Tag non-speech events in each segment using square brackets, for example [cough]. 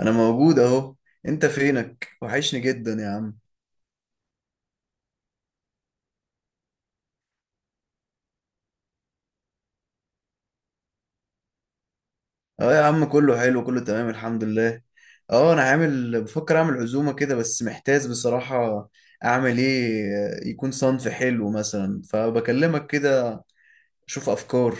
انا موجود اهو. انت فينك؟ وحشني جدا يا عم. اه يا عم، كله حلو، كله تمام الحمد لله. اه انا عامل بفكر اعمل عزومة كده، بس محتاج بصراحة اعمل ايه. يكون صنف حلو مثلا، فبكلمك كده. شوف افكار.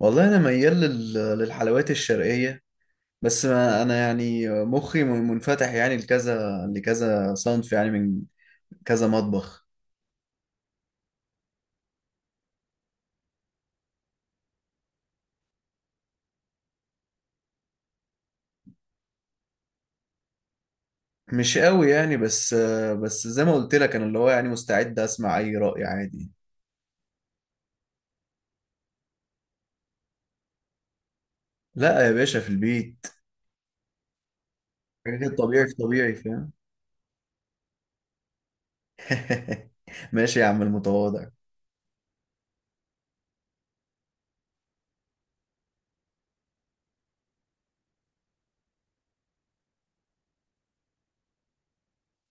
والله انا ميال للحلويات الشرقية. بس ما انا يعني مخي منفتح يعني لكذا صنف، يعني من كذا مطبخ. مش قوي يعني، بس بس زي ما قلت لك، انا اللي هو يعني مستعد اسمع اي رأي عادي. لا يا باشا، في البيت. حاجات الطبيعي في طبيعي، فاهم. [laughs] ماشي يا عم المتواضع.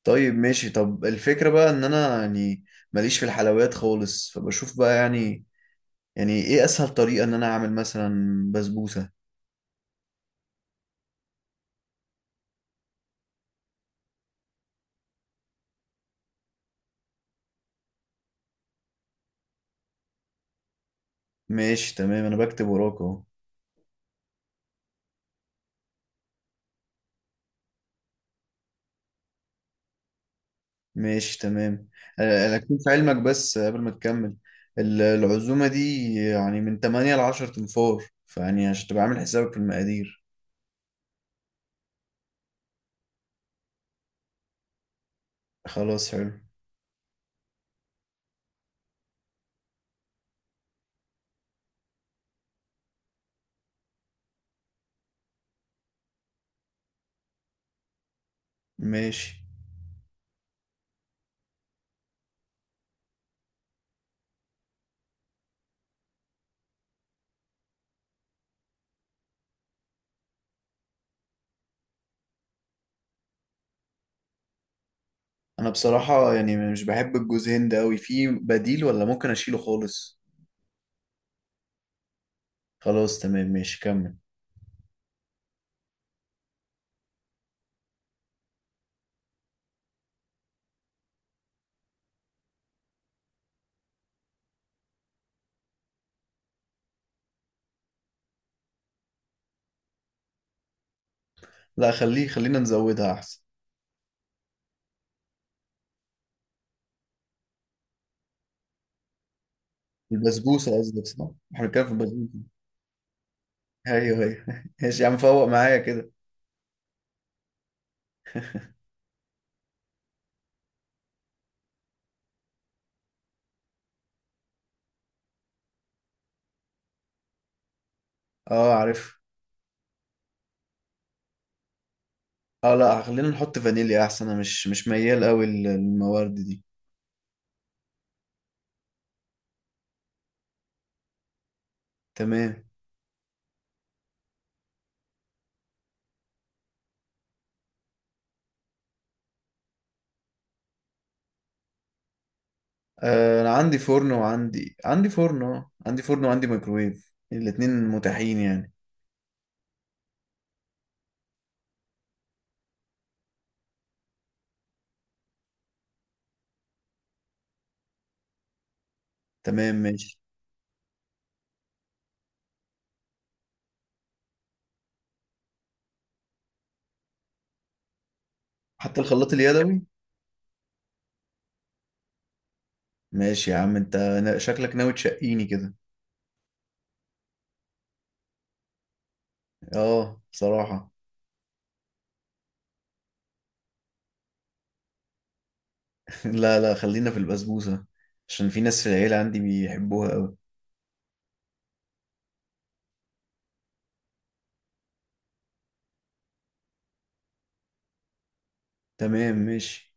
طيب ماشي، طب الفكرة بقى ان انا يعني ماليش في الحلويات خالص، فبشوف بقى يعني، يعني ايه اسهل طريقة ان انا اعمل مثلا بسبوسة. ماشي تمام، انا بكتب وراك اهو. ماشي تمام. انا اكون في علمك بس قبل ما تكمل، العزومة دي يعني من 8 ل 10 تنفار، فيعني عشان تبقى عامل حسابك في المقادير. خلاص حلو. ماشي. انا بصراحة يعني مش بحب الجوز هند قوي، في بديل ولا ممكن اشيله خالص؟ خلاص تمام، ماشي كمل. لا خليه، خلينا نزودها احسن. البسبوسة قصدك صح؟ احنا بنتكلم في البسبوسة. ايوه ايوه، [laughs] ماشي يا عم فوق معايا كده. اه عارف. اه لا، خلينا نحط فانيليا احسن، انا مش ميال قوي للموارد دي. تمام. انا عندي فرن وعندي فرن، عندي فرن وعندي ميكروويف، الاتنين متاحين يعني. تمام ماشي. حتى الخلاط اليدوي؟ ماشي يا عم، انت شكلك ناوي تشقيني كده. اه بصراحة. [laughs] لا لا، خلينا في البسبوسة، عشان في ناس في العيلة عندي بيحبوها قوي. تمام ماشي.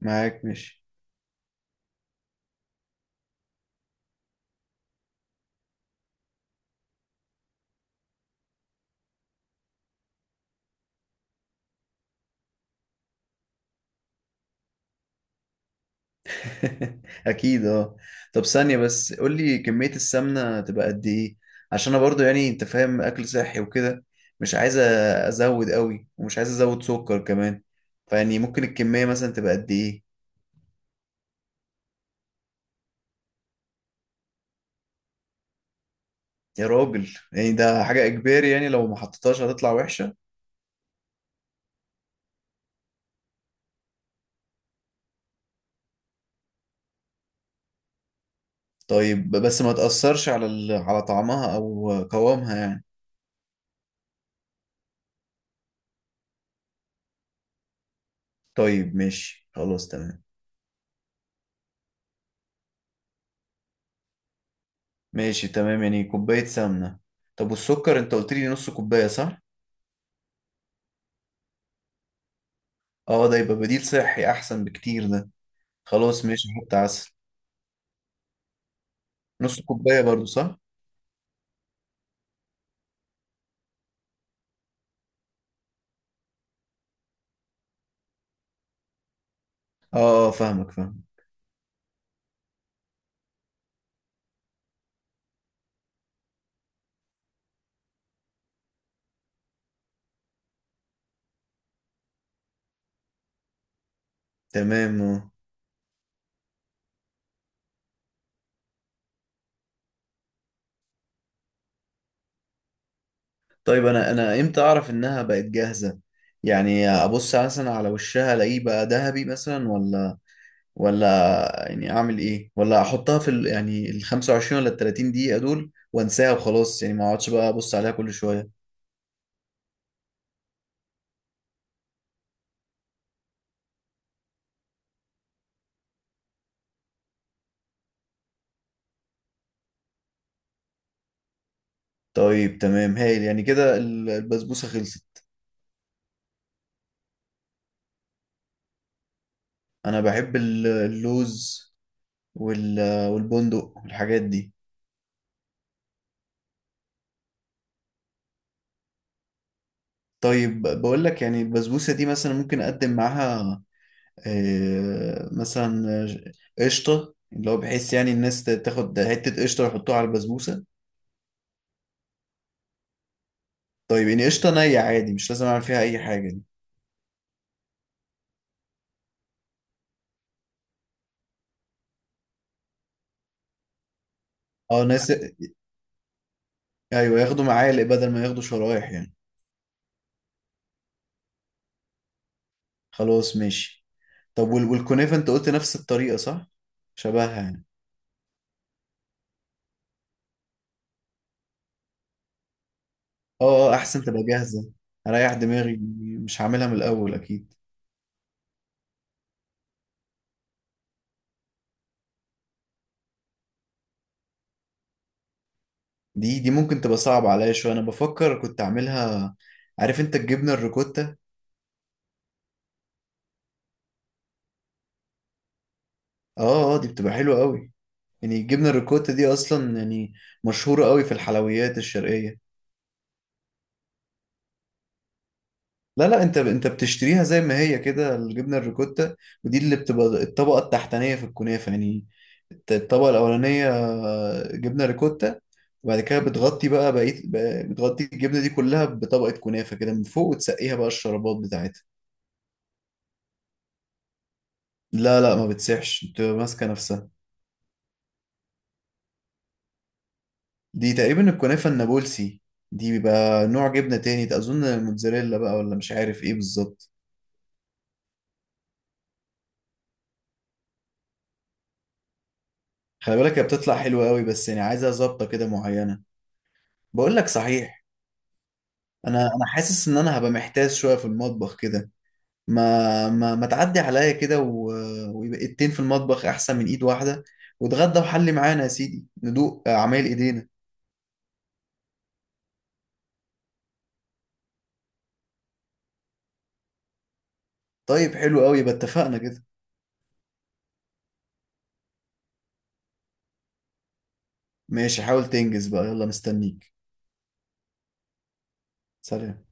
معاك ماشي. [laughs] اكيد اه. طب ثانية بس، قول لي كمية السمنة تبقى قد ايه؟ عشان انا برضو يعني انت فاهم، اكل صحي وكده، مش عايز ازود قوي، ومش عايز ازود سكر كمان، فيعني ممكن الكمية مثلا تبقى قد ايه؟ يا راجل، يعني ده حاجة اجباري؟ يعني لو ما حطيتهاش هتطلع وحشة؟ طيب بس ما تأثرش على على طعمها أو قوامها يعني. طيب ماشي، خلاص تمام. ماشي تمام، يعني كوباية سمنة. طب والسكر، أنت قلت لي نص كوباية صح؟ اه ده يبقى بديل صحي أحسن بكتير ده. خلاص ماشي، حط عسل. نص كوباية برضو صح؟ اه اه، فاهمك فاهم. تمام اه. طيب أنا إمتى أعرف إنها بقت جاهزة؟ يعني أبص مثلا على وشها، ألاقيه بقى ذهبي مثلا ولا؟ ولا يعني اعمل ايه؟ ولا احطها في ال يعني ال 25 ولا ال 30 دقيقة دول وانساها وخلاص، يعني ما اقعدش بقى ابص عليها كل شوية؟ طيب تمام هايل، يعني كده البسبوسة خلصت. انا بحب اللوز وال والبندق والحاجات دي. طيب بقول لك، يعني البسبوسة دي مثلا ممكن اقدم معاها مثلا قشطة، اللي هو بحيث يعني الناس تاخد حتة قشطة ويحطوها على البسبوسة. طيب يعني قشطة نية عادي؟ مش لازم اعمل فيها اي حاجة دي؟ اه ناس، ايوه ياخدوا معالق بدل ما ياخدوا شرايح يعني. خلاص ماشي. طب والكنافة انت قلت نفس الطريقة صح؟ شبهها يعني. اه اه، احسن تبقى جاهزة، اريح دماغي. مش هعملها من الاول اكيد. دي ممكن تبقى صعبة عليا شوية، انا بفكر كنت اعملها. عارف انت الجبنة الريكوتا؟ اه اه، دي بتبقى حلوة قوي. يعني الجبنة الريكوتا دي اصلا يعني مشهورة قوي في الحلويات الشرقية. لا لا، انت بتشتريها زي ما هي كده الجبنه الريكوتا. ودي اللي بتبقى الطبقه التحتانيه في الكنافه يعني. الطبقه الاولانيه جبنه ريكوتا. وبعد كده بتغطي بقى بقيه بقى- بتغطي الجبنه دي كلها بطبقه كنافه كده من فوق، وتسقيها بقى الشربات بتاعتها. لا لا، ما بتسيحش، بتبقى ماسكه نفسها. دي تقريبا الكنافه النابلسي. دي بيبقى نوع جبنه تاني ده، اظن الموتزاريلا بقى، ولا مش عارف ايه بالظبط. خلي بالك، هي بتطلع حلوه قوي، بس يعني عايزها ظابطه كده معينه. بقول لك صحيح، انا حاسس ان انا هبقى محتاس شويه في المطبخ كده. ما تعدي عليا كده ويبقى ايدتين في المطبخ احسن من ايد واحده، واتغدى وحلي معانا يا سيدي ندوق اعمال ايدينا. طيب حلو قوي، يبقى اتفقنا كده. ماشي، حاول تنجز بقى، يلا مستنيك. سلام.